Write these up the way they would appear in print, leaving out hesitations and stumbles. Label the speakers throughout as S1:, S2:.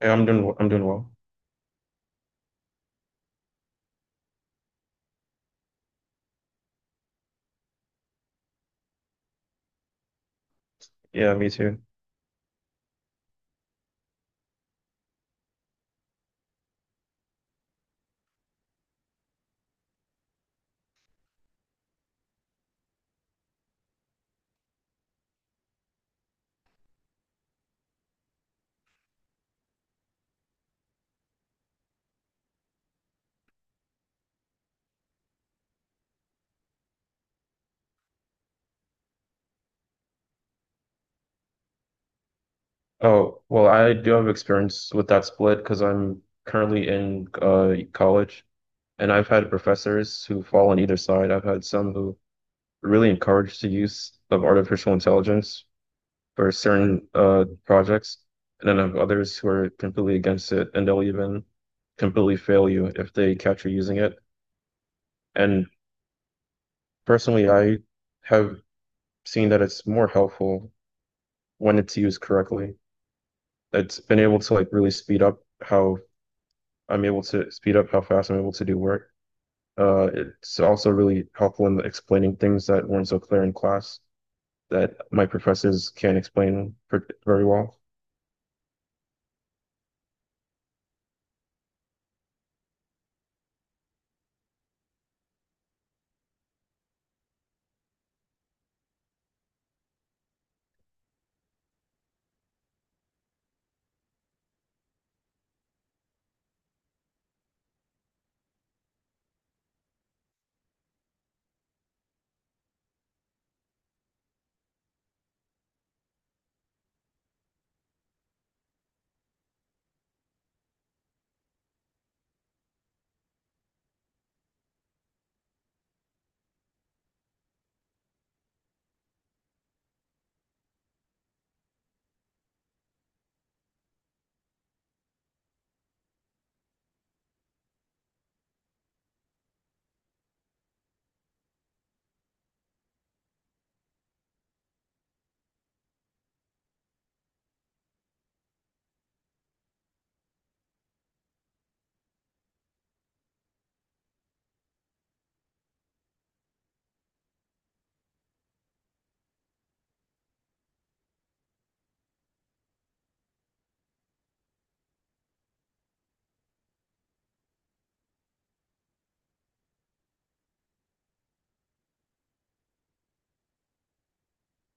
S1: Yeah, I'm doing well. Yeah, me too. Oh, well, I do have experience with that split because I'm currently in college, and I've had professors who fall on either side. I've had some who really encourage the use of artificial intelligence for certain projects, and then I have others who are completely against it, and they'll even completely fail you if they catch you using it. And personally, I have seen that it's more helpful when it's used correctly. It's been able to like really speed up how I'm able to speed up how fast I'm able to do work. It's also really helpful in explaining things that weren't so clear in class that my professors can't explain per very well.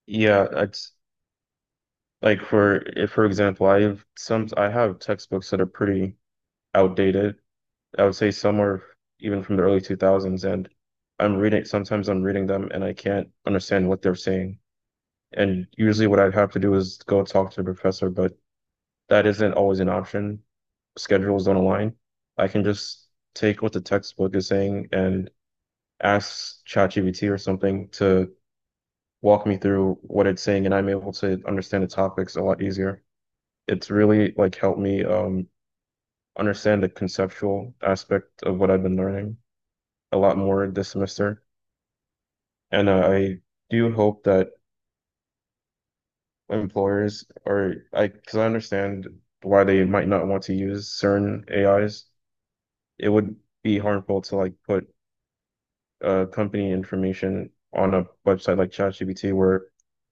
S1: Yeah, it's like for if for example, I have textbooks that are pretty outdated. I would say some are even from the early 2000s, and I'm reading sometimes I'm reading them and I can't understand what they're saying. And usually what I'd have to do is go talk to the professor, but that isn't always an option. Schedules don't align. I can just take what the textbook is saying and ask ChatGPT or something to walk me through what it's saying, and I'm able to understand the topics a lot easier. It's really like helped me understand the conceptual aspect of what I've been learning a lot more this semester. And I do hope that because I understand why they might not want to use certain AIs. It would be harmful to like put company information on a website like ChatGPT where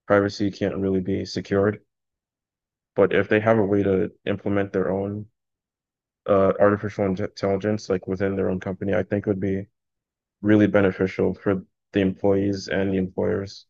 S1: privacy can't really be secured. But if they have a way to implement their own artificial intelligence, like within their own company, I think it would be really beneficial for the employees and the employers.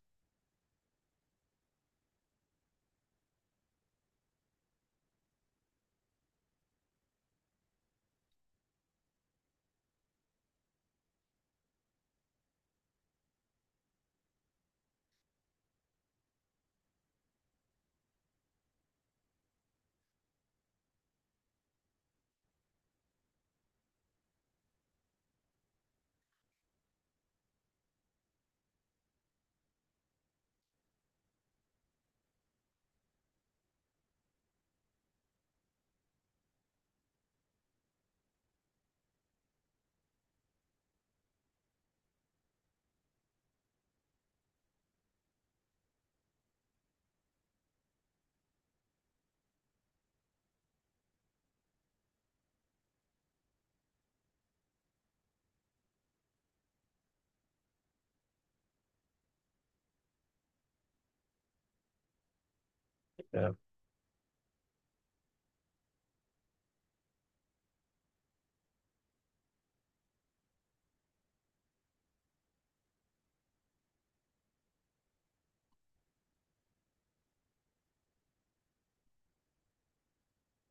S1: Yeah,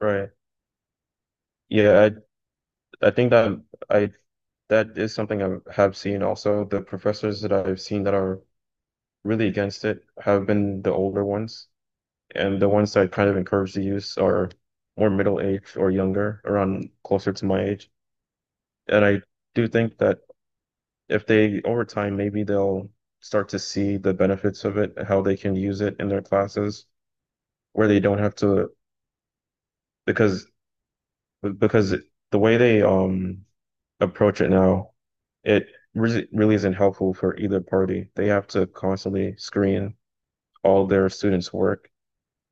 S1: right. Yeah, I think I that is something I have seen also. The professors that I've seen that are really against it have been the older ones. And the ones that kind of encourage the use are more middle aged or younger, around closer to my age. And I do think that if they, over time, maybe they'll start to see the benefits of it, how they can use it in their classes, where they don't have to, because because the way they approach it now, it really isn't helpful for either party. They have to constantly screen all their students' work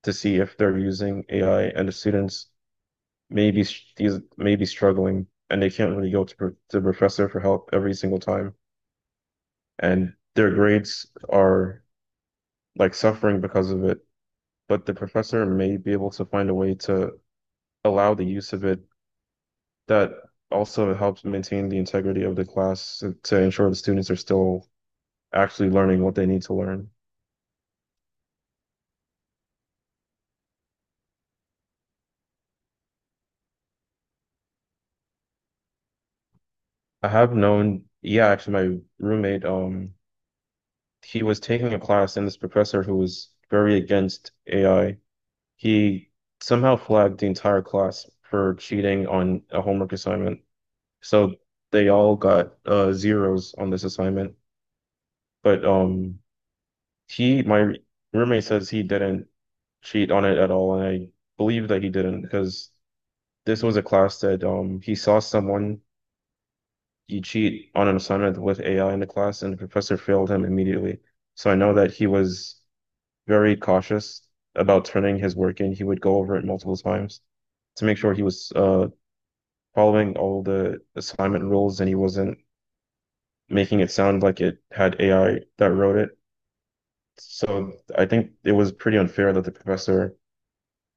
S1: to see if they're using AI, and the students these may be struggling and they can't really go to professor for help every single time and their grades are like suffering because of it, but the professor may be able to find a way to allow the use of it that also helps maintain the integrity of the class to ensure the students are still actually learning what they need to learn. I have known, yeah, actually my roommate, he was taking a class and this professor who was very against AI. He somehow flagged the entire class for cheating on a homework assignment. So they all got zeros on this assignment. But my roommate says he didn't cheat on it at all, and I believe that he didn't because this was a class that he saw someone you cheat on an assignment with AI in the class, and the professor failed him immediately. So I know that he was very cautious about turning his work in. He would go over it multiple times to make sure he was following all the assignment rules and he wasn't making it sound like it had AI that wrote it. So I think it was pretty unfair that the professor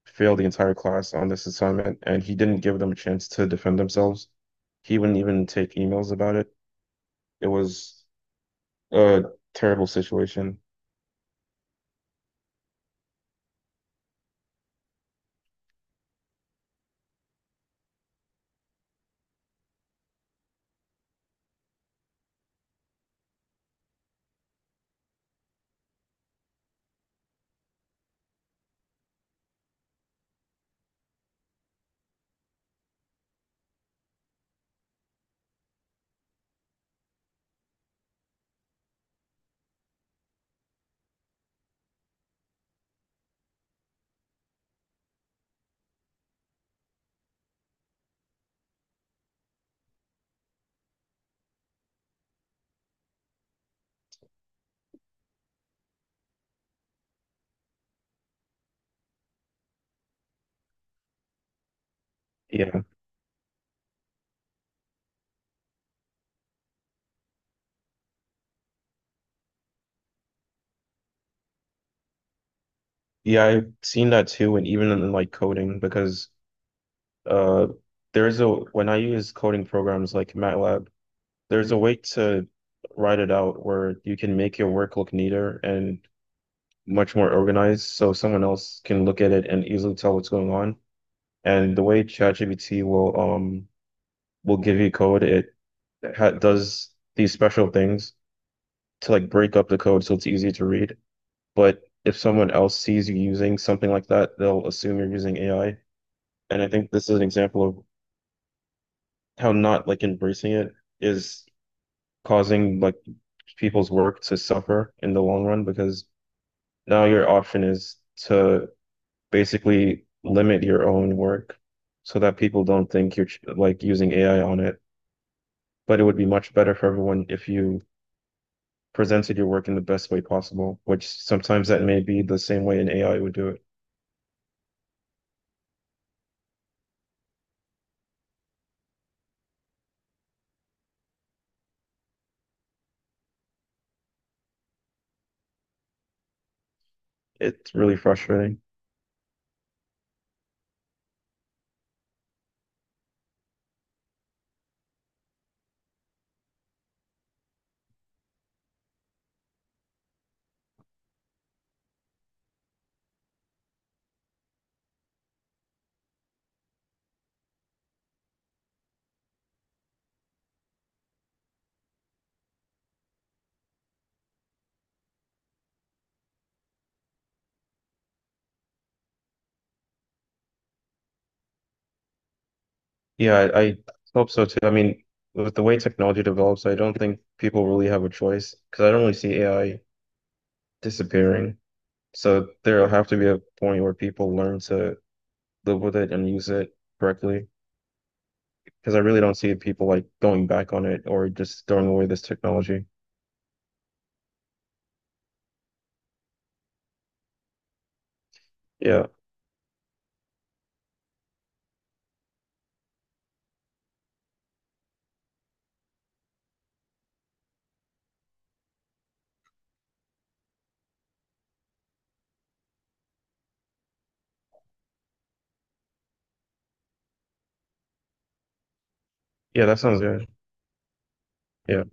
S1: failed the entire class on this assignment and he didn't give them a chance to defend themselves. He wouldn't even take emails about it. It was a terrible situation. Yeah. Yeah, I've seen that too, and even in like coding, because uh there's a when I use coding programs like MATLAB, there's a way to write it out where you can make your work look neater and much more organized so someone else can look at it and easily tell what's going on. And the way ChatGPT will will give you code, it ha does these special things to like break up the code so it's easy to read. But if someone else sees you using something like that, they'll assume you're using AI. And I think this is an example of how not like embracing it is causing like people's work to suffer in the long run because now your option is to basically limit your own work so that people don't think you're like using AI on it. But it would be much better for everyone if you presented your work in the best way possible, which sometimes that may be the same way an AI would do it. It's really frustrating. Yeah, I hope so too. I mean, with the way technology develops, I don't think people really have a choice because I don't really see AI disappearing. So there'll have to be a point where people learn to live with it and use it correctly. Because I really don't see people like going back on it or just throwing away this technology. Yeah. Yeah, that sounds good. Yeah.